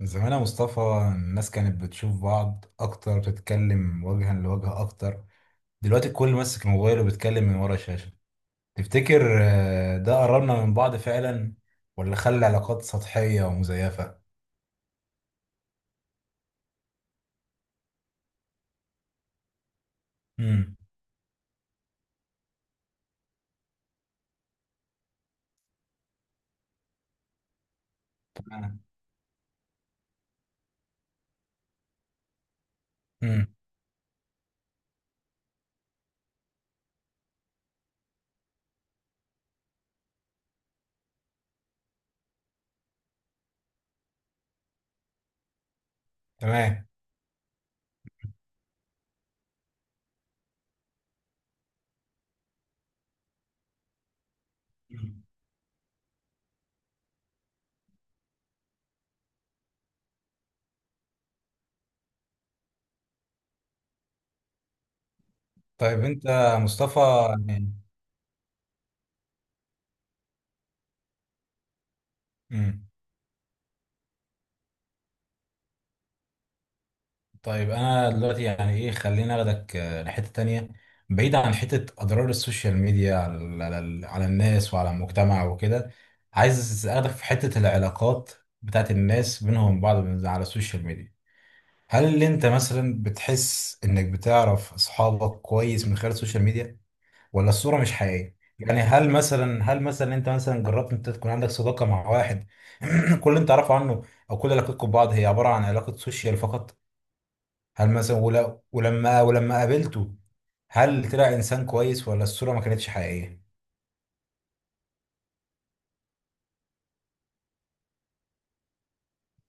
زمان يا مصطفى. الناس كانت بتشوف بعض اكتر، بتتكلم وجها لوجه اكتر. دلوقتي الكل ماسك موبايله وبيتكلم من ورا الشاشة. تفتكر ده قربنا من بعض فعلا ولا خلى علاقات سطحية ومزيفة؟ امم. تمام. امم. تمام. مم. طيب انت يا مصطفى يعني- مم. طيب انا دلوقتي يعني ايه، خليني اخدك لحته تانية، بعيد عن حته اضرار السوشيال ميديا على على الناس وعلى المجتمع وكده. عايز اخدك في حته العلاقات بتاعت الناس بينهم بعض على السوشيال ميديا. هل انت مثلا بتحس انك بتعرف اصحابك كويس من خلال السوشيال ميديا ولا الصوره مش حقيقيه؟ يعني هل مثلا انت مثلا جربت انت تكون عندك صداقه مع واحد كل اللي انت تعرفه عنه او كل علاقتكم ببعض هي عباره عن علاقه سوشيال فقط؟ هل مثلا ولما قابلته، هل طلع انسان كويس ولا الصورة ما كانتش حقيقية؟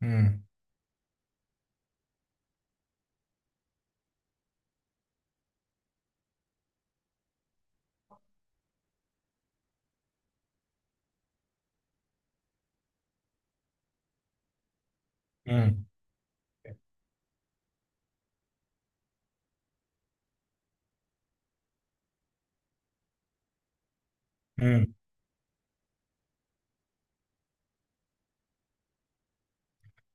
امم. امم.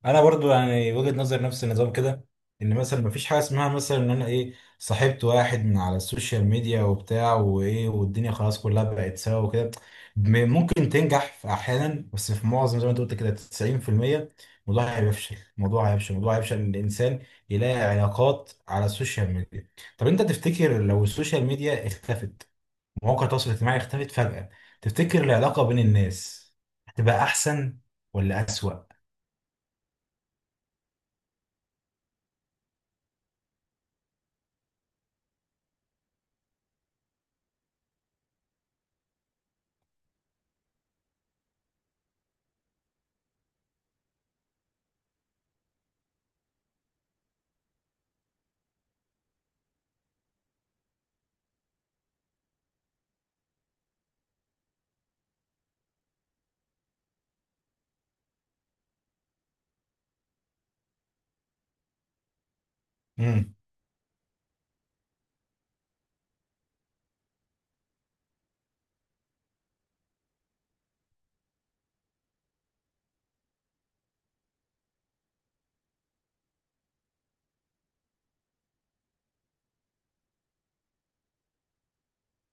انا برضو يعني وجهة نظر نفس النظام كده، ان مثلا مفيش حاجه اسمها مثلا ان انا ايه صاحبت واحد من على السوشيال ميديا وبتاع وايه والدنيا خلاص كلها بقت سوا وكده. ممكن تنجح في احيانا، بس في معظم زي ما انت قلت كده 90%، الموضوع هيفشل. الموضوع هيفشل ان الانسان يلاقي علاقات على السوشيال ميديا. طب انت تفتكر لو السوشيال ميديا اختفت، مواقع التواصل الاجتماعي اختفت فجأة، تفتكر العلاقه بين الناس هتبقى احسن ولا اسوأ؟ امم.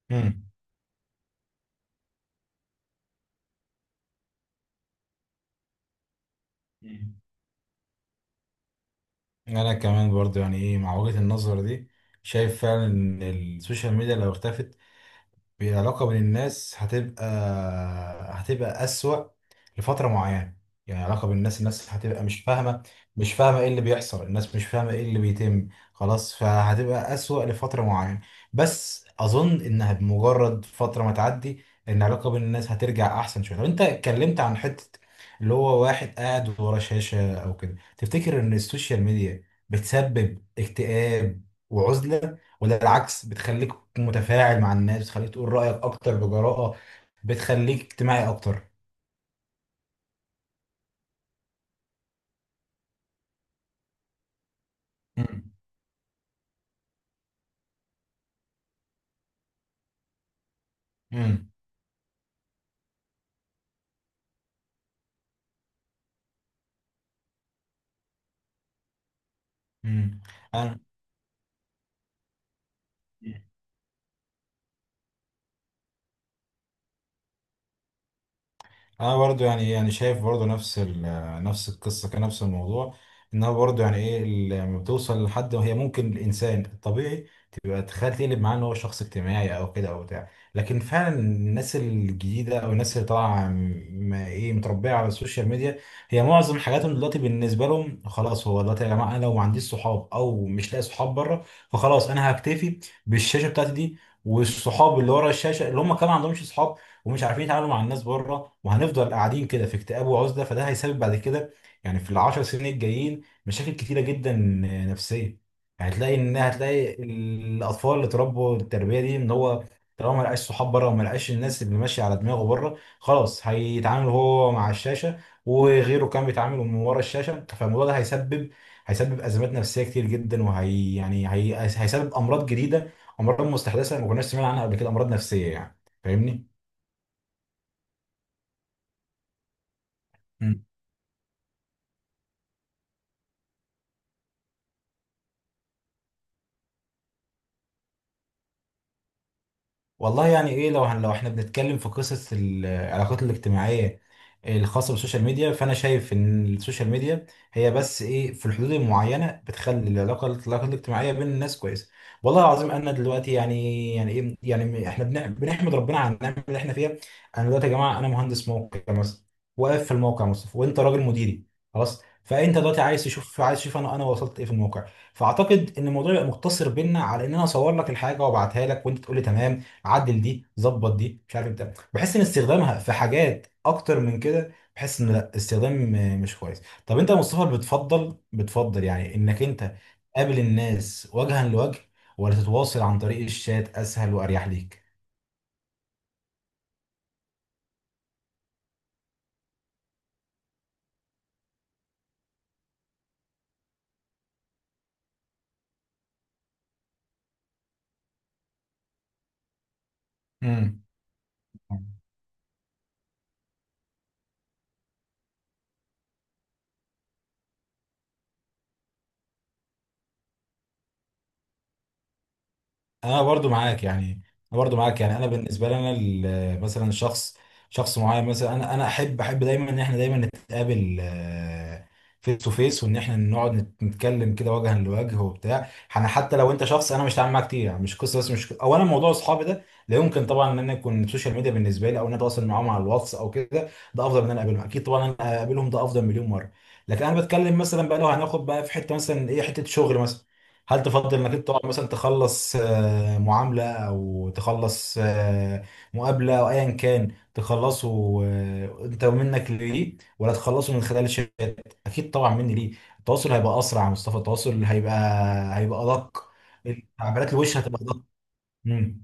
امم. مم. انا كمان برضو يعني ايه مع وجهة النظر دي. شايف فعلا ان السوشيال ميديا لو اختفت، العلاقة بين الناس هتبقى أسوأ لفترة معينة. يعني العلاقة بين الناس هتبقى مش فاهمة، مش فاهمة ايه اللي بيحصل، الناس مش فاهمة ايه اللي بيتم. خلاص، فهتبقى أسوأ لفترة معينة، بس أظن إنها بمجرد فترة ما تعدي إن العلاقة بين الناس هترجع أحسن شوية. طب أنت اتكلمت عن حتة اللي هو واحد قاعد ورا شاشة أو كده. تفتكر إن السوشيال ميديا بتسبب اكتئاب وعزلة، ولا العكس بتخليك متفاعل مع الناس، بتخليك تقول رأيك أكتر بجراءة، بتخليك اجتماعي أكتر؟ مم. مم. مم. أنا برضو يعني ايه، يعني شايف برضو نفس نفس القصه، كان نفس الموضوع. انها برضو يعني ايه لما بتوصل لحد، هي ممكن الانسان الطبيعي تبقى تخيل تقلب معاه ان هو شخص اجتماعي او كده او بتاع. لكن فعلا الناس الجديده او الناس اللي طالعه ايه متربيه على السوشيال ميديا، هي معظم حاجاتهم دلوقتي بالنسبه لهم خلاص. هو دلوقتي يا جماعه انا لو ما عنديش صحاب او مش لاقي صحاب بره، فخلاص انا هكتفي بالشاشه بتاعتي دي، والصحاب اللي ورا الشاشه اللي هم كمان ما عندهمش صحاب ومش عارفين يتعاملوا مع الناس بره. وهنفضل قاعدين كده في اكتئاب وعزله، فده هيسبب بعد كده يعني في العشر سنين الجايين مشاكل كتيره جدا، نفسيه. هتلاقي ان الاطفال اللي اتربوا التربيه دي، ان هو طالما ما لقاش صحاب بره وما لقاش الناس اللي ماشيه على دماغه بره، خلاص هيتعامل هو مع الشاشه وغيره كان بيتعامل من ورا الشاشه. فالموضوع ده هيسبب ازمات نفسيه كتير جدا، وهي يعني هي هيسبب امراض جديده، امراض مستحدثه ما كناش سمعنا عنها قبل كده، امراض نفسيه يعني. فاهمني؟ والله يعني ايه، لو احنا بنتكلم في قصص العلاقات الاجتماعيه الخاصه بالسوشيال ميديا، فانا شايف ان السوشيال ميديا هي بس ايه، في الحدود المعينه بتخلي العلاقه الاجتماعيه بين الناس كويسه. والله العظيم انا دلوقتي يعني، يعني ايه، يعني احنا بنحمد ربنا على النعمه اللي احنا فيها. انا دلوقتي يا جماعه، انا مهندس موقع مثلا واقف في الموقع، يا مصطفى وانت راجل مديري، خلاص. فانت دلوقتي عايز تشوف، انا وصلت ايه في الموقع. فاعتقد ان الموضوع يبقى مقتصر بينا على ان انا اصور لك الحاجه وابعتها لك وانت تقول لي تمام، عدل دي، ظبط دي، مش عارف بتاع. بحس ان استخدامها في حاجات اكتر من كده، بحس ان لا، استخدام مش كويس. طب انت يا مصطفى بتفضل يعني انك انت تقابل الناس وجها لوجه، ولا تتواصل عن طريق الشات اسهل واريح ليك؟ امم. انا برضو معاك يعني، انا بالنسبه لي انا مثلا شخص معين، مثلا انا احب دايما ان احنا دايما نتقابل فيس تو فيس، وان احنا نقعد نتكلم كده وجها لوجه وبتاع. انا حتى لو انت شخص انا مش هتعامل معاك كتير يعني، مش قصه بس، مش اولا موضوع اصحابي ده لا يمكن طبعا ان انا يكون السوشيال ميديا بالنسبه لي، او ان انا اتواصل معاهم على الواتس او كده ده افضل من ان انا اقابلهم. اكيد طبعا، انا اقابلهم ده افضل مليون مره. لكن انا بتكلم مثلا بقى، لو هناخد بقى في حته مثلا ايه، حته شغل مثلا. هل تفضل انك انت تقعد مثلا تخلص معامله، او تخلص مقابله، او ايا كان تخلصه انت منك ليه، ولا تخلصه من خلال الشات؟ اكيد طبعا مني ليه. التواصل هيبقى اسرع يا مصطفى، التواصل هيبقى ادق، تعبيرات الوش هتبقى ادق. مم.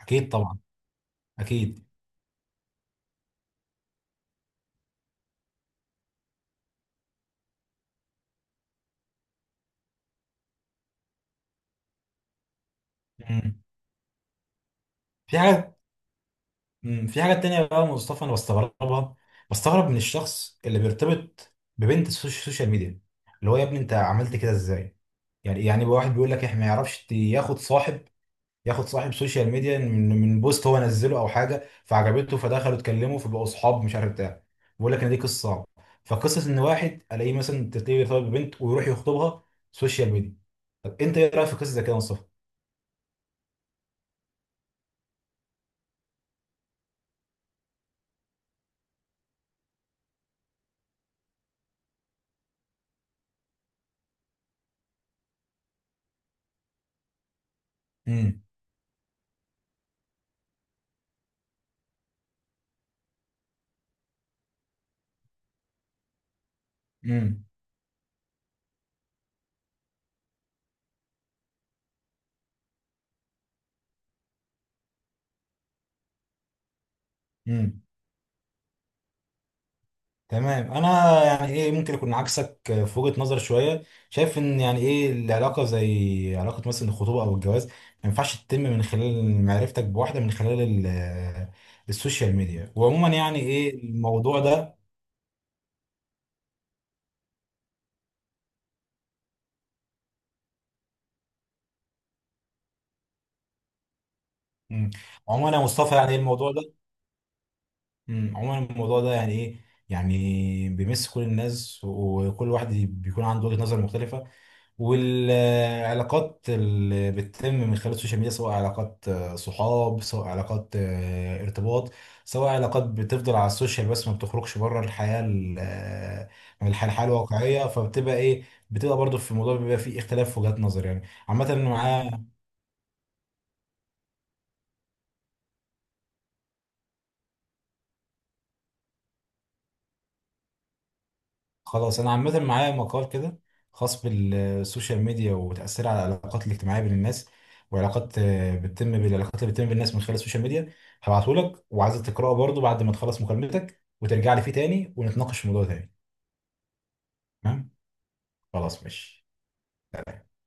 اكيد طبعا. اكيد. مم. في حاجات. مم، في حاجة تانية بقى يا مصطفى أنا بستغربها. بستغرب من الشخص اللي بيرتبط ببنت السوشيال ميديا، اللي هو يا ابني أنت عملت كده إزاي؟ يعني بقى واحد بيقول لك إحنا ما يعرفش ياخد صاحب، سوشيال ميديا من بوست هو نزله أو حاجة فعجبته، فدخلوا اتكلموا فبقوا صحاب مش عارف بتاع. بيقول لك إن دي قصة صعبة. فقصة إن واحد ألاقيه مثلا، تلاقيه بيرتبط ببنت ويروح يخطبها سوشيال ميديا. طب أنت إيه رأيك في قصة زي كده يا مصطفى؟ امم. امم. تمام. انا يعني ايه ممكن اكون عكسك في وجهة نظر شويه. شايف ان يعني ايه العلاقه، زي علاقه مثلا الخطوبه او الجواز، ما ينفعش تتم من خلال معرفتك بواحده من خلال السوشيال ميديا، وعموما يعني ايه الموضوع ده. مم. عموما يا مصطفى يعني ايه الموضوع ده. مم. عموما الموضوع ده يعني ايه، يعني بيمس كل الناس وكل واحد بيكون عنده وجهة نظر مختلفه. والعلاقات اللي بتتم من خلال السوشيال ميديا سواء علاقات صحاب، سواء علاقات ارتباط، سواء علاقات بتفضل على السوشيال بس ما بتخرجش بره الحياة ال- آه، الح- الحياة الواقعية، فبتبقى ايه، بتبقى برضو في الموضوع بيبقى فيه اختلاف في وجهات نظر يعني. عامة معاه. خلاص انا عامه معايا مقال كده خاص بالسوشيال ميديا وتاثيرها على العلاقات الاجتماعيه بين الناس، وعلاقات آه، بتتم بالعلاقات اللي بتتم بالناس من خلال السوشيال ميديا. هبعته لك وعايزك تقراه برضو بعد ما تخلص مكالمتك وترجع لي فيه تاني ونتناقش في الموضوع تاني. تمام. خلاص ماشي.